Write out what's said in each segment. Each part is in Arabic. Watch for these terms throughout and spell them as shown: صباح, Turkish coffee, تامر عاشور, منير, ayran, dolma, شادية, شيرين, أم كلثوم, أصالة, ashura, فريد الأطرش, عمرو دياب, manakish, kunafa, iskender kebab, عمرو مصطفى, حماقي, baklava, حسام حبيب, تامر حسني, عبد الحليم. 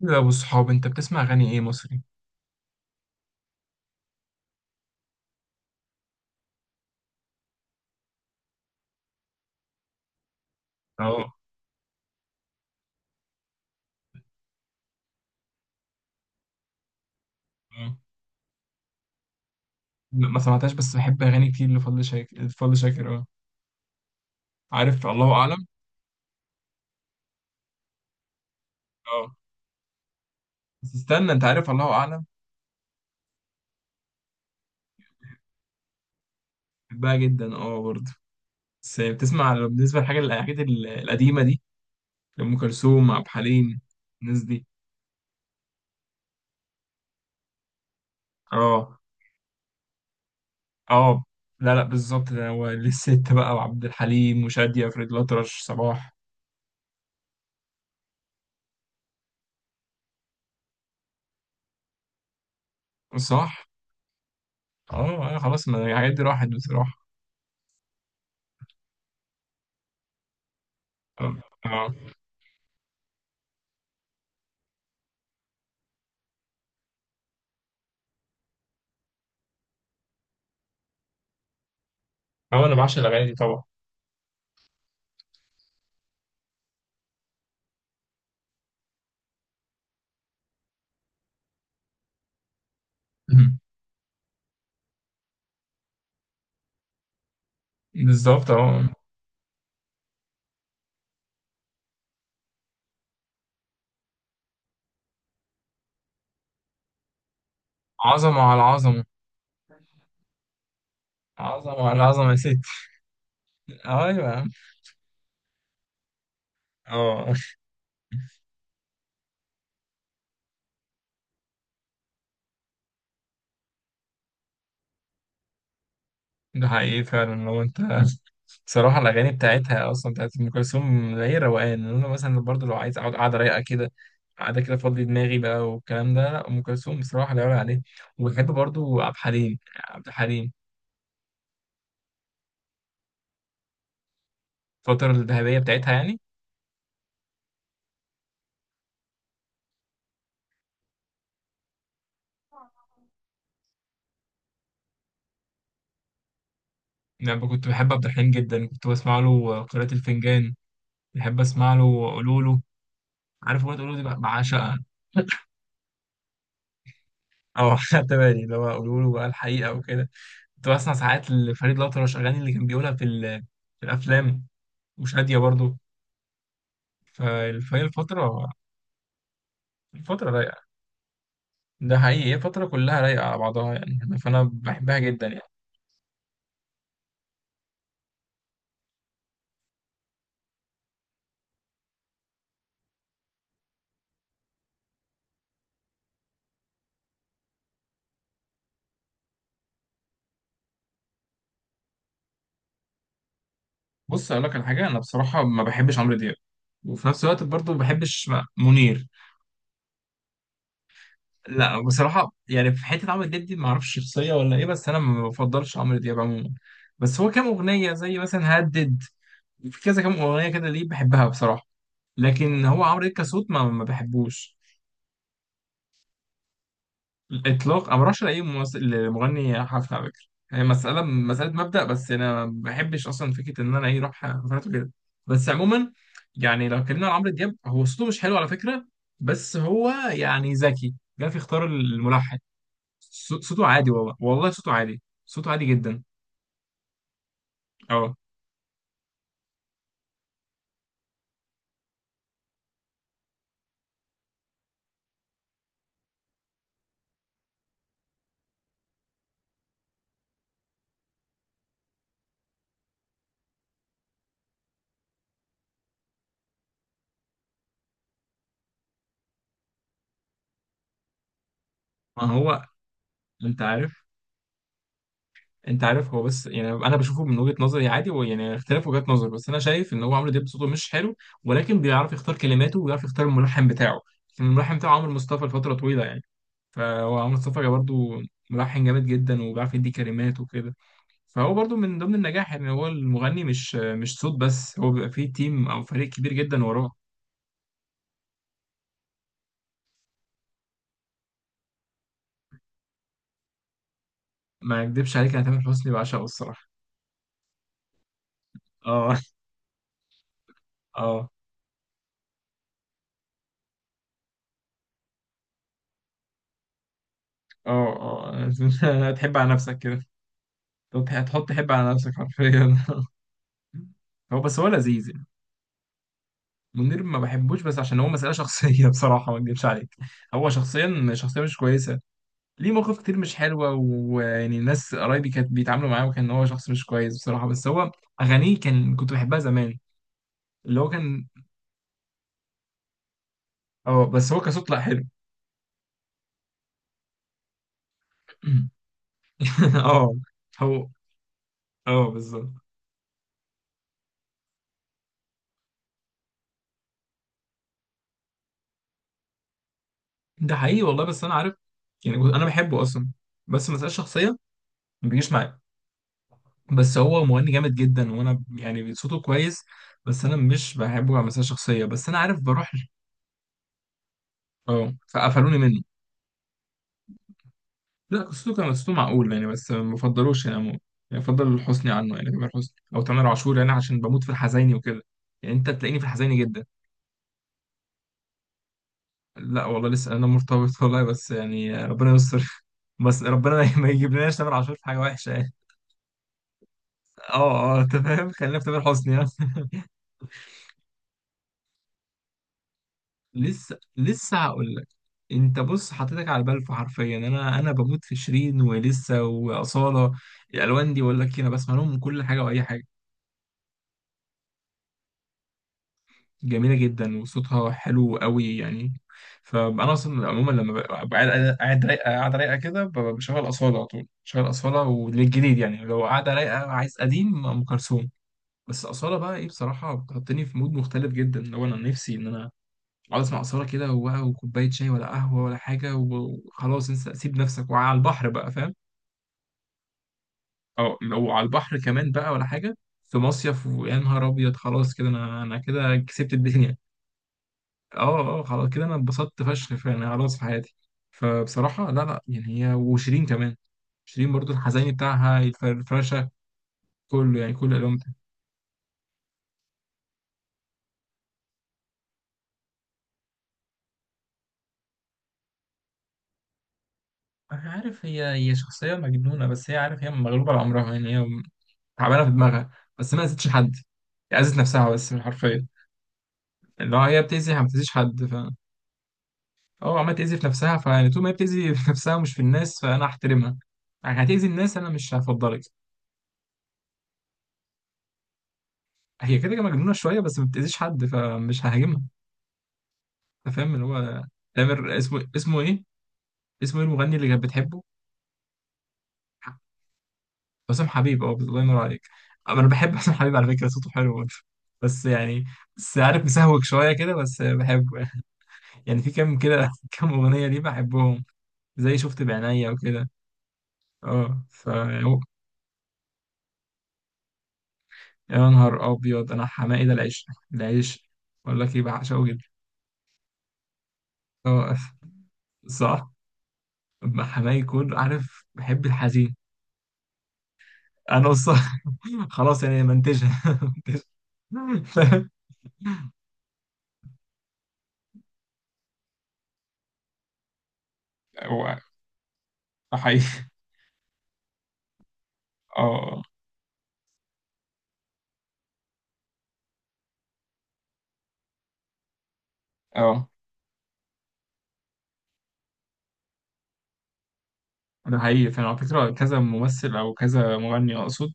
لا، والصحاب انت بتسمع اغاني ايه مصري؟ اه اه. لا، ما سمعتهاش، بس بحب اغاني كتير لفضل شاكر. فضل شاكر، اه، عارف. الله اعلم. اه، بس استنى، انت عارف، الله اعلم. بحبها جدا، اه، برضه. بس بتسمع، بالنسبه للحاجه الحاجات القديمه دي، ام كلثوم، عبد الحليم، الناس دي. اه اه. لا لا، بالظبط، ده هو للست بقى، وعبد الحليم وشادية فريد الأطرش صباح. صح. اه اه، خلاص، ما الحاجات دي راحت بصراحه. اه اه. اه، انا بعشق الاغاني دي طبعا. بالظبط، اه. عظمة على عظمة. عظمة على عظمة يا ست. ايوه يا عم. اه. ده حقيقي فعلا، لو انت... بصراحة الأغاني بتاعتها أصلا، بتاعت أم كلثوم، هي روقان. إن أنا مثلا برضه لو عايز أقعد قعدة رايقة كده، قعدة كده أفضي دماغي بقى والكلام ده، لا، أم كلثوم بصراحة لا يعلى عليه. وبحب برضه عبد الحليم. عبد الحليم. الفترة الذهبية بتاعتها يعني، كنت بحب عبد الحليم جدا، كنت بسمع له قراءة الفنجان. بحب أسمع له قولوله. عارف أغنية قولوله دي بقى، بعشقها. اه. خدت بالي اللي هو قولوا له بقى الحقيقه، وكده. كنت بسمع ساعات لفريد الأطرش اغاني اللي كان بيقولها في في الافلام. مش هاديه برضه. فهي الفتره. الفتره رايقه. ده حقيقي، هي فتره كلها رايقه على بعضها يعني، فانا بحبها جدا يعني. بص، اقول لك على حاجه، انا بصراحه ما بحبش عمرو دياب، وفي نفس الوقت برضه ما بحبش منير. لا، بصراحه يعني، في حته عمرو دياب دي ما اعرفش شخصيه ولا ايه، بس انا ما بفضلش عمرو دياب عموما. بس هو كام اغنيه زي مثلا هدد، في كذا كام اغنيه كده ليه بحبها بصراحه. لكن هو عمرو دياب كصوت ما بحبوش الاطلاق. انا ما بروحش لاي ممثل مغني حفله على فكره، هي مساله مبدا. بس انا ما بحبش اصلا فكره ان انا ايه اروح حفلاته كده. بس عموما، يعني لو اتكلمنا عن عمرو دياب، هو صوته مش حلو على فكره. بس هو يعني ذكي، جه في اختيار الملحن. صوته عادي، والله والله صوته عادي، صوته عادي جدا. اه، ما هو انت عارف. انت عارف، هو بس يعني انا بشوفه من وجهة نظري عادي، هو يعني اختلاف وجهات نظر، بس انا شايف ان هو عمرو دياب صوته مش حلو، ولكن بيعرف يختار كلماته، وبيعرف يختار الملحن بتاعه. كان الملحن بتاعه عمرو مصطفى لفترة طويلة يعني، فهو عمرو مصطفى برضه ملحن جامد جدا، وبيعرف يدي كلمات وكده. فهو برضه من ضمن النجاح، ان هو المغني مش صوت بس، هو بيبقى فيه تيم او فريق كبير جدا وراه. ما اكدبش عليك، انا تامر حسني بعشقه الصراحة. اه. اه. اه. اه. تحب على نفسك كده. تحب على نفسك حرفيا. هو بس، هو لذيذ يعني. منير ما بحبوش بس عشان هو مسألة شخصية. بصراحة، ما اكدبش عليك، هو شخصيا شخصية مش كويسة. ليه مواقف كتير مش حلوة، ويعني ناس قرايبي كانت بيتعاملوا معاه وكان هو شخص مش كويس بصراحة. بس هو أغانيه كنت بحبها زمان، اللي هو كان. اه، بس هو كصوت لا، حلو. اه. هو. اه، بالظبط. ده حقيقي والله، بس أنا عارف، يعني أنا بحبه أصلا، بس مسألة شخصية، ما بيجيش معايا. بس هو مغني جامد جدا، وانا يعني صوته كويس. بس انا مش بحبه كمسألة شخصية، بس انا عارف بروح فقفلوني منه. لا، صوته معقول يعني، بس ما بفضلوش يعني يعني بفضل حسني عنه يعني، تامر حسني او تامر عاشور يعني، عشان بموت في الحزيني وكده. يعني انت تلاقيني في الحزيني جدا. لا والله، لسه انا مرتبط والله، بس يعني ربنا يستر. بس ربنا ما يجيبلناش تامر عاشور في حاجة وحشة يعني. اه اه، انت فاهم، خلينا في تامر حسني يعني. لسه لسه، هقول لك. انت بص، حطيتك على البلف حرفيا، انا بموت في شيرين ولسه واصاله. الالوان دي، بقول لك إيه، انا بسمع لهم من كل حاجه واي حاجه. جميله جدا، وصوتها حلو قوي يعني. فانا اصلا عموما لما ببقى قاعد، قاعد رايقه قاعده رايقه كده، بشغل اصاله على طول، بشغل اصاله والجديد يعني، لو قاعده رايقه عايز قديم ام كلثوم. بس اصاله بقى ايه بصراحه، بتحطني في مود مختلف جدا، لو انا نفسي ان انا اقعد اسمع اثاره كده، وبقى وكوبايه شاي ولا قهوه ولا حاجه، وخلاص انسى، سيب نفسك وعلى البحر بقى، فاهم؟ او، وعلى البحر كمان بقى ولا حاجه، في مصيف، ويا نهار ابيض، خلاص كده، انا كده كسبت الدنيا. اه اه، خلاص كده انا اتبسطت فشخ فعلا، خلاص في حياتي. فبصراحه لا لا، يعني هي وشيرين كمان. شيرين برضو، الحزيني بتاعها، الفرفشه، كله يعني، كل الالوان بتاعها. انا عارف هي شخصيه مجنونه، بس هي عارف، هي مغلوبه على امرها يعني، هي تعبانه في دماغها، بس ما اذتش حد. هي اذت نفسها بس، بالحرفيه، اللي هو هي بتأذي، ما بتأذيش حد. ف اه عمالة تأذي في نفسها، فيعني طول ما هي بتأذي في نفسها ومش في الناس، فأنا هحترمها. يعني هتأذي الناس، أنا مش هفضلك. هي كده كده مجنونة شوية، بس ما بتأذيش حد، فمش ههاجمها. أنت فاهم، اللي هو... تامر، اسمه إيه؟ اسمه إيه المغني اللي كانت بتحبه؟ حسام حبيب، اه، الله ينور عليك. أما أنا بحب حسام حبيب على فكرة، صوته حلو برضه. بس يعني، بس عارف، مسهوك شوية كده، بس بحبه يعني. يعني في كام كده، كام أغنية ليه بحبهم، زي شفت بعينيا وكده. اه ف يا نهار ابيض، انا حماقي ده العيش. العيش. اقول لك ايه، بعشقه جدا. اه، صح. أما حماقي يكون عارف، بحب الحزين. انا والصح. خلاص يعني، منتجها. منتجها. هو حقيقي، اه اه، ده حقيقي فعلا على فكره. كذا ممثل او كذا مغني اقصد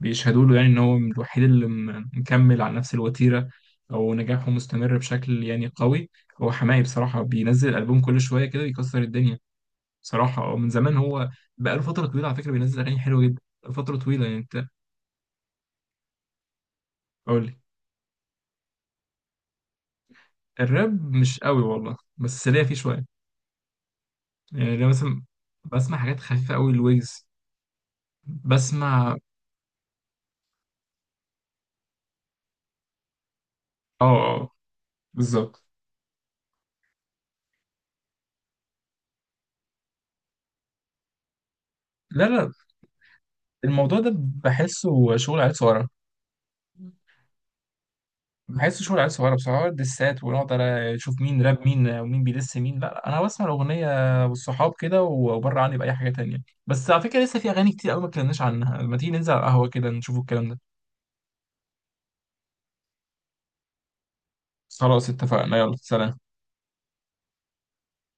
بيشهدوا له يعني ان هو الوحيد اللي مكمل على نفس الوتيره، او نجاحه مستمر بشكل يعني قوي. هو حماقي بصراحه بينزل البوم كل شويه كده بيكسر الدنيا صراحة، اه، من زمان هو، بقاله فترة طويلة على فكرة بينزل أغاني حلوة جدا، فترة طويلة يعني، أنت. أقول لي. الراب مش قوي والله، بس ليا فيه شوية. يعني لو مثلا، بسمع حاجات خفيفة قوي، الويجز. بسمع، اه. اه، آه، بالظبط. لا لا، الموضوع ده بحسه شغل عيال صغيرة. بحسه شغل عيال صغيرة بصراحة، دسات ونقعد على شوف مين راب مين، ومين بيدس مين، لا لا، أنا بسمع الأغنية والصحاب كده، وبره عني بأي حاجة تانية. بس على فكرة، لسه في أغاني كتير قوي ما اتكلمناش عنها، ما تيجي ننزل على القهوة كده نشوف الكلام ده. خلاص اتفقنا، يلا سلام.